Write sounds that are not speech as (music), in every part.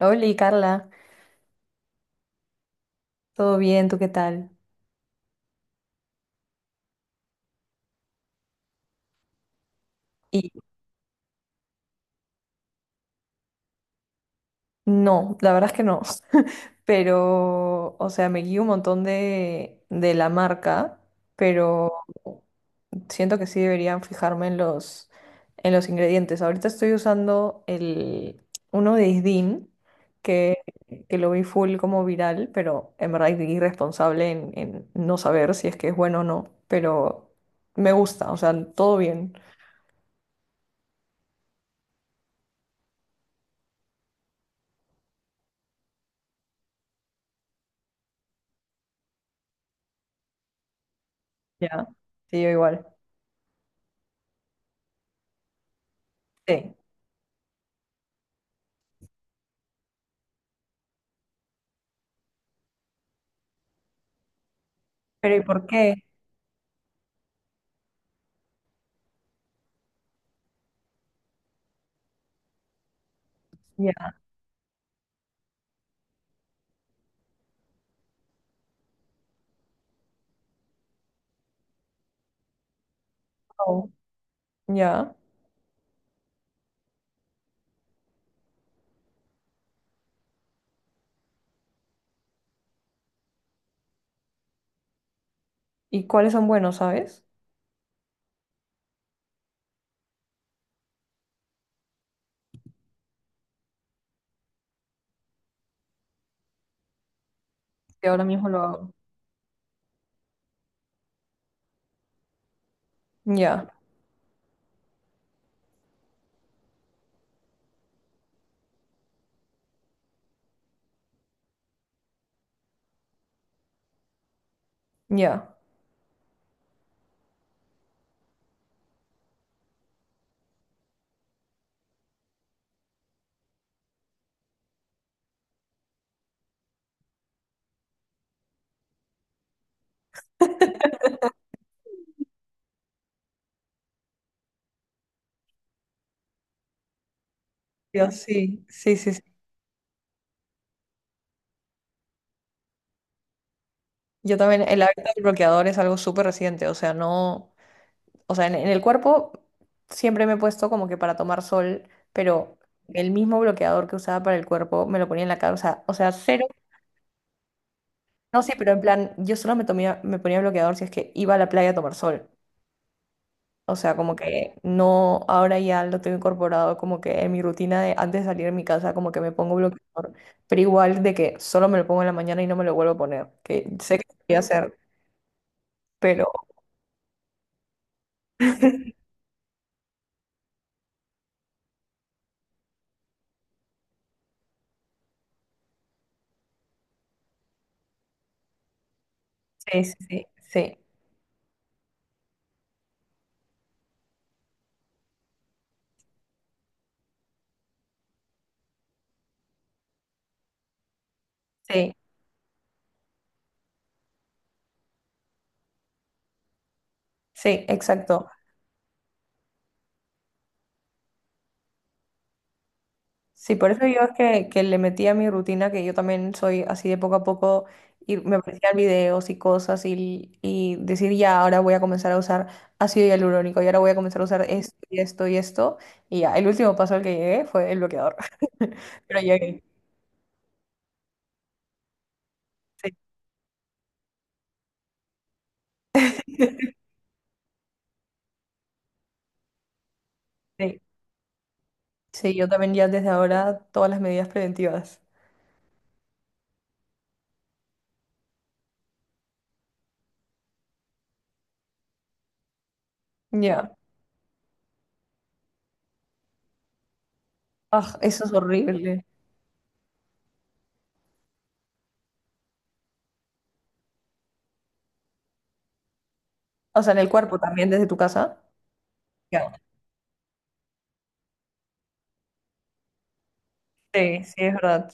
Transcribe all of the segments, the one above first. Hola, Carla, ¿todo bien? ¿Tú qué tal? Y no, la verdad es que no, (laughs) pero, o sea, me guío un montón de la marca, pero siento que sí deberían fijarme en en los ingredientes. Ahorita estoy usando uno de Isdin, que, que lo vi full como viral, pero en verdad es irresponsable en no saber si es que es bueno o no, pero me gusta, o sea, todo bien, ¿ya? Sí, yo igual. Sí. Pero ¿y por qué? Ya, oh, ya. ¿Y cuáles son buenos, sabes? Que ahora mismo lo hago. Ya, ya. Yo sí, sí, sí, sí. Yo también, el hábito del bloqueador es algo súper reciente, o sea, no, o sea, en el cuerpo siempre me he puesto como que para tomar sol, pero el mismo bloqueador que usaba para el cuerpo me lo ponía en la cara, o sea, cero, no, sí, pero en plan, yo solo me ponía bloqueador si es que iba a la playa a tomar sol. O sea, como que no, ahora ya lo tengo incorporado como que en mi rutina de antes de salir de mi casa, como que me pongo bloqueador, pero igual de que solo me lo pongo en la mañana y no me lo vuelvo a poner, que sé que lo voy a hacer, pero (laughs) sí, sí, sí, sí, sí, exacto. Sí, por eso yo que le metí a mi rutina, que yo también soy así de poco a poco, y me aparecían videos y cosas, y decir ya, ahora voy a comenzar a usar ácido hialurónico, y ahora voy a comenzar a usar esto y esto y esto, y ya, el último paso al que llegué fue el bloqueador. (laughs) Pero llegué. Sí, sí. (laughs) Sí, yo también ya desde ahora todas las medidas preventivas. Ya. Ah, eso es horrible. O sea, en el cuerpo también, desde tu casa. Ya. Sí, sí, es verdad.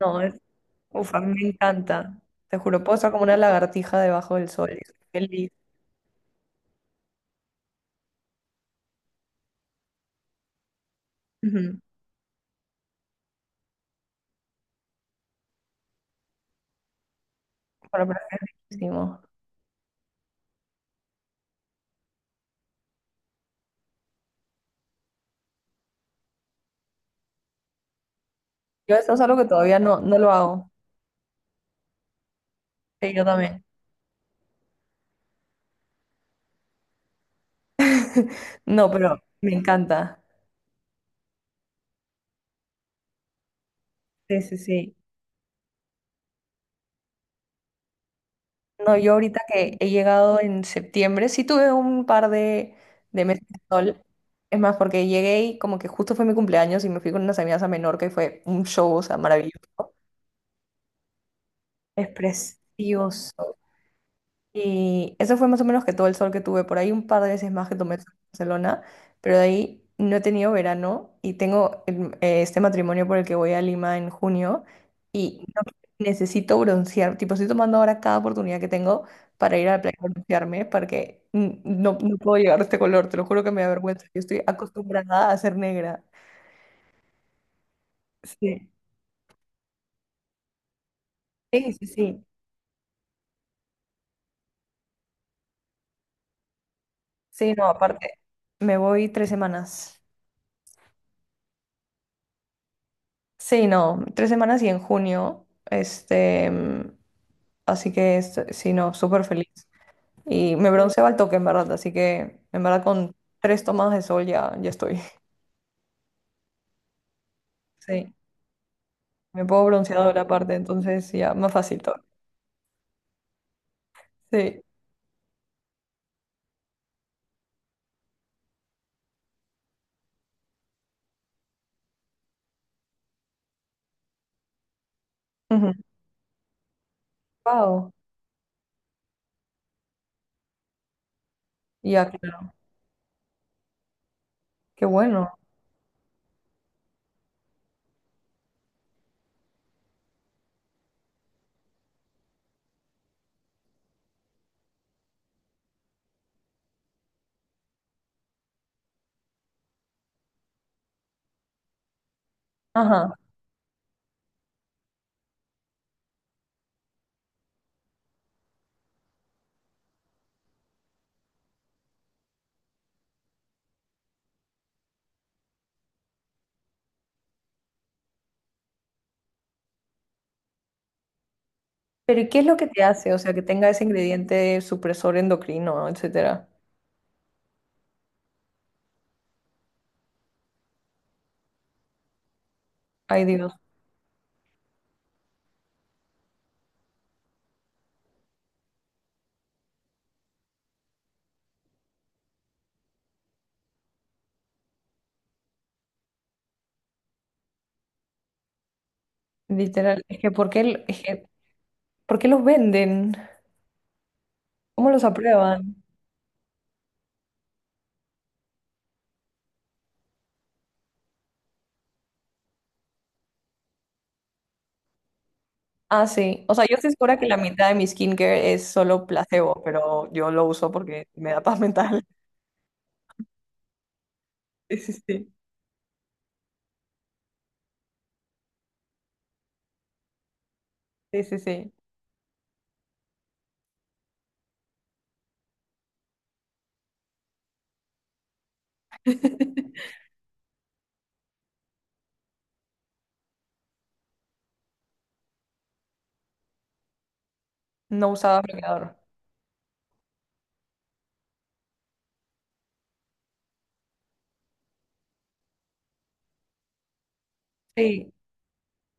No, es Uf, a mí me encanta. Te juro, puedo estar como una lagartija debajo del sol y soy feliz. Ujú. Bueno, pero es riquísimo. Yo eso es algo que todavía no, no lo hago. Sí, yo también. No, pero me encanta. Sí, sí, sí. No, yo ahorita que he llegado en septiembre, sí tuve un par de meses de sol. Es más, porque llegué y como que justo fue mi cumpleaños y me fui con unas amigas a Menorca y fue un show, o sea, maravilloso. Es precioso. Y eso fue más o menos que todo el sol que tuve. Por ahí un par de veces más que tomé sol en Barcelona, pero de ahí no he tenido verano y tengo este matrimonio por el que voy a Lima en junio y no- necesito broncear. Tipo, estoy tomando ahora cada oportunidad que tengo para ir a la playa a broncearme porque no, no puedo llegar a este color. Te lo juro que me da vergüenza. Yo estoy acostumbrada a ser negra. Sí, sí, sí, sí. Sí, no, aparte, me voy tres semanas. Sí, no, tres semanas y en junio, este, así que sí, no, súper feliz. Y me bronceaba al toque, en verdad, así que en verdad con tres tomas de sol ya, ya estoy. (laughs) Sí, me puedo bronceador aparte, entonces ya, más fácil todo. Sí. Ujú. Wow, ya, claro, qué bueno. Ajá. Pero ¿y qué es lo que te hace? O sea, que tenga ese ingrediente supresor endocrino, etcétera. Ay, Dios, literal, es que ¿por qué los venden? ¿Cómo los aprueban? Ah, sí. O sea, yo estoy segura que la mitad de mi skincare es solo placebo, pero yo lo uso porque me da paz mental. (laughs) Sí, sí, sí. Sí, sí, sí. (laughs) No usaba bloqueador. Sí,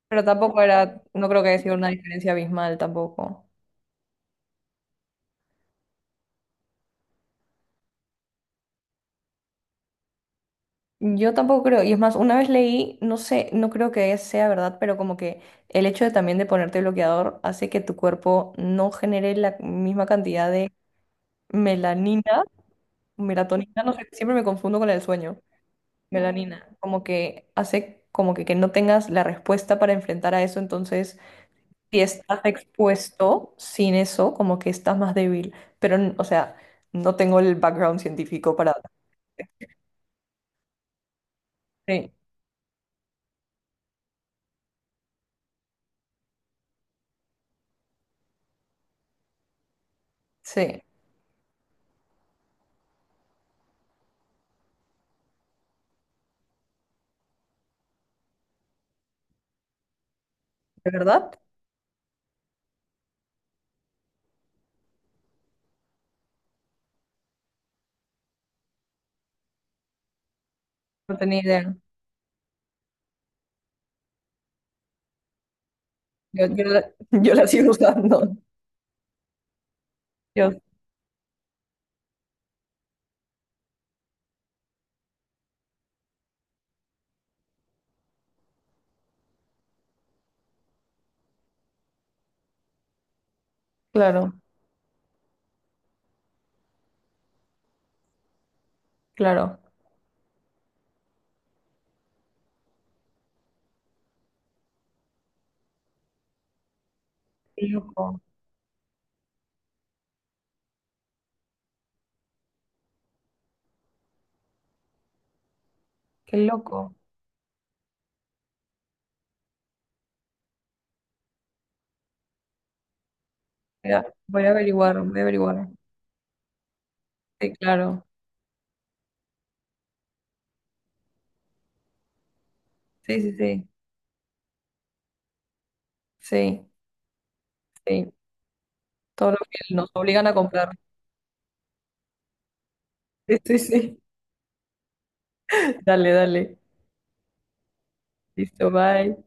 pero tampoco era, no creo que haya sido una diferencia abismal tampoco. Yo tampoco creo, y es más, una vez leí, no sé, no creo que sea verdad, pero como que el hecho de también de ponerte bloqueador hace que tu cuerpo no genere la misma cantidad de melanina, melatonina, no sé, siempre me confundo con el sueño, melanina, como que hace como que no tengas la respuesta para enfrentar a eso, entonces si estás expuesto sin eso, como que estás más débil, pero o sea, no tengo el background científico para... Sí, sí, ¿de verdad? No tenía idea. Yo la, (laughs) yo la sigo usando. Yo, claro, claro. Qué loco, qué loco. Voy a, voy a averiguar, voy a averiguar. Sí, claro. Sí, sí, sí, sí, sí. Todo lo que nos obligan a comprar. Sí, sí, sí. Dale, dale. Listo, bye.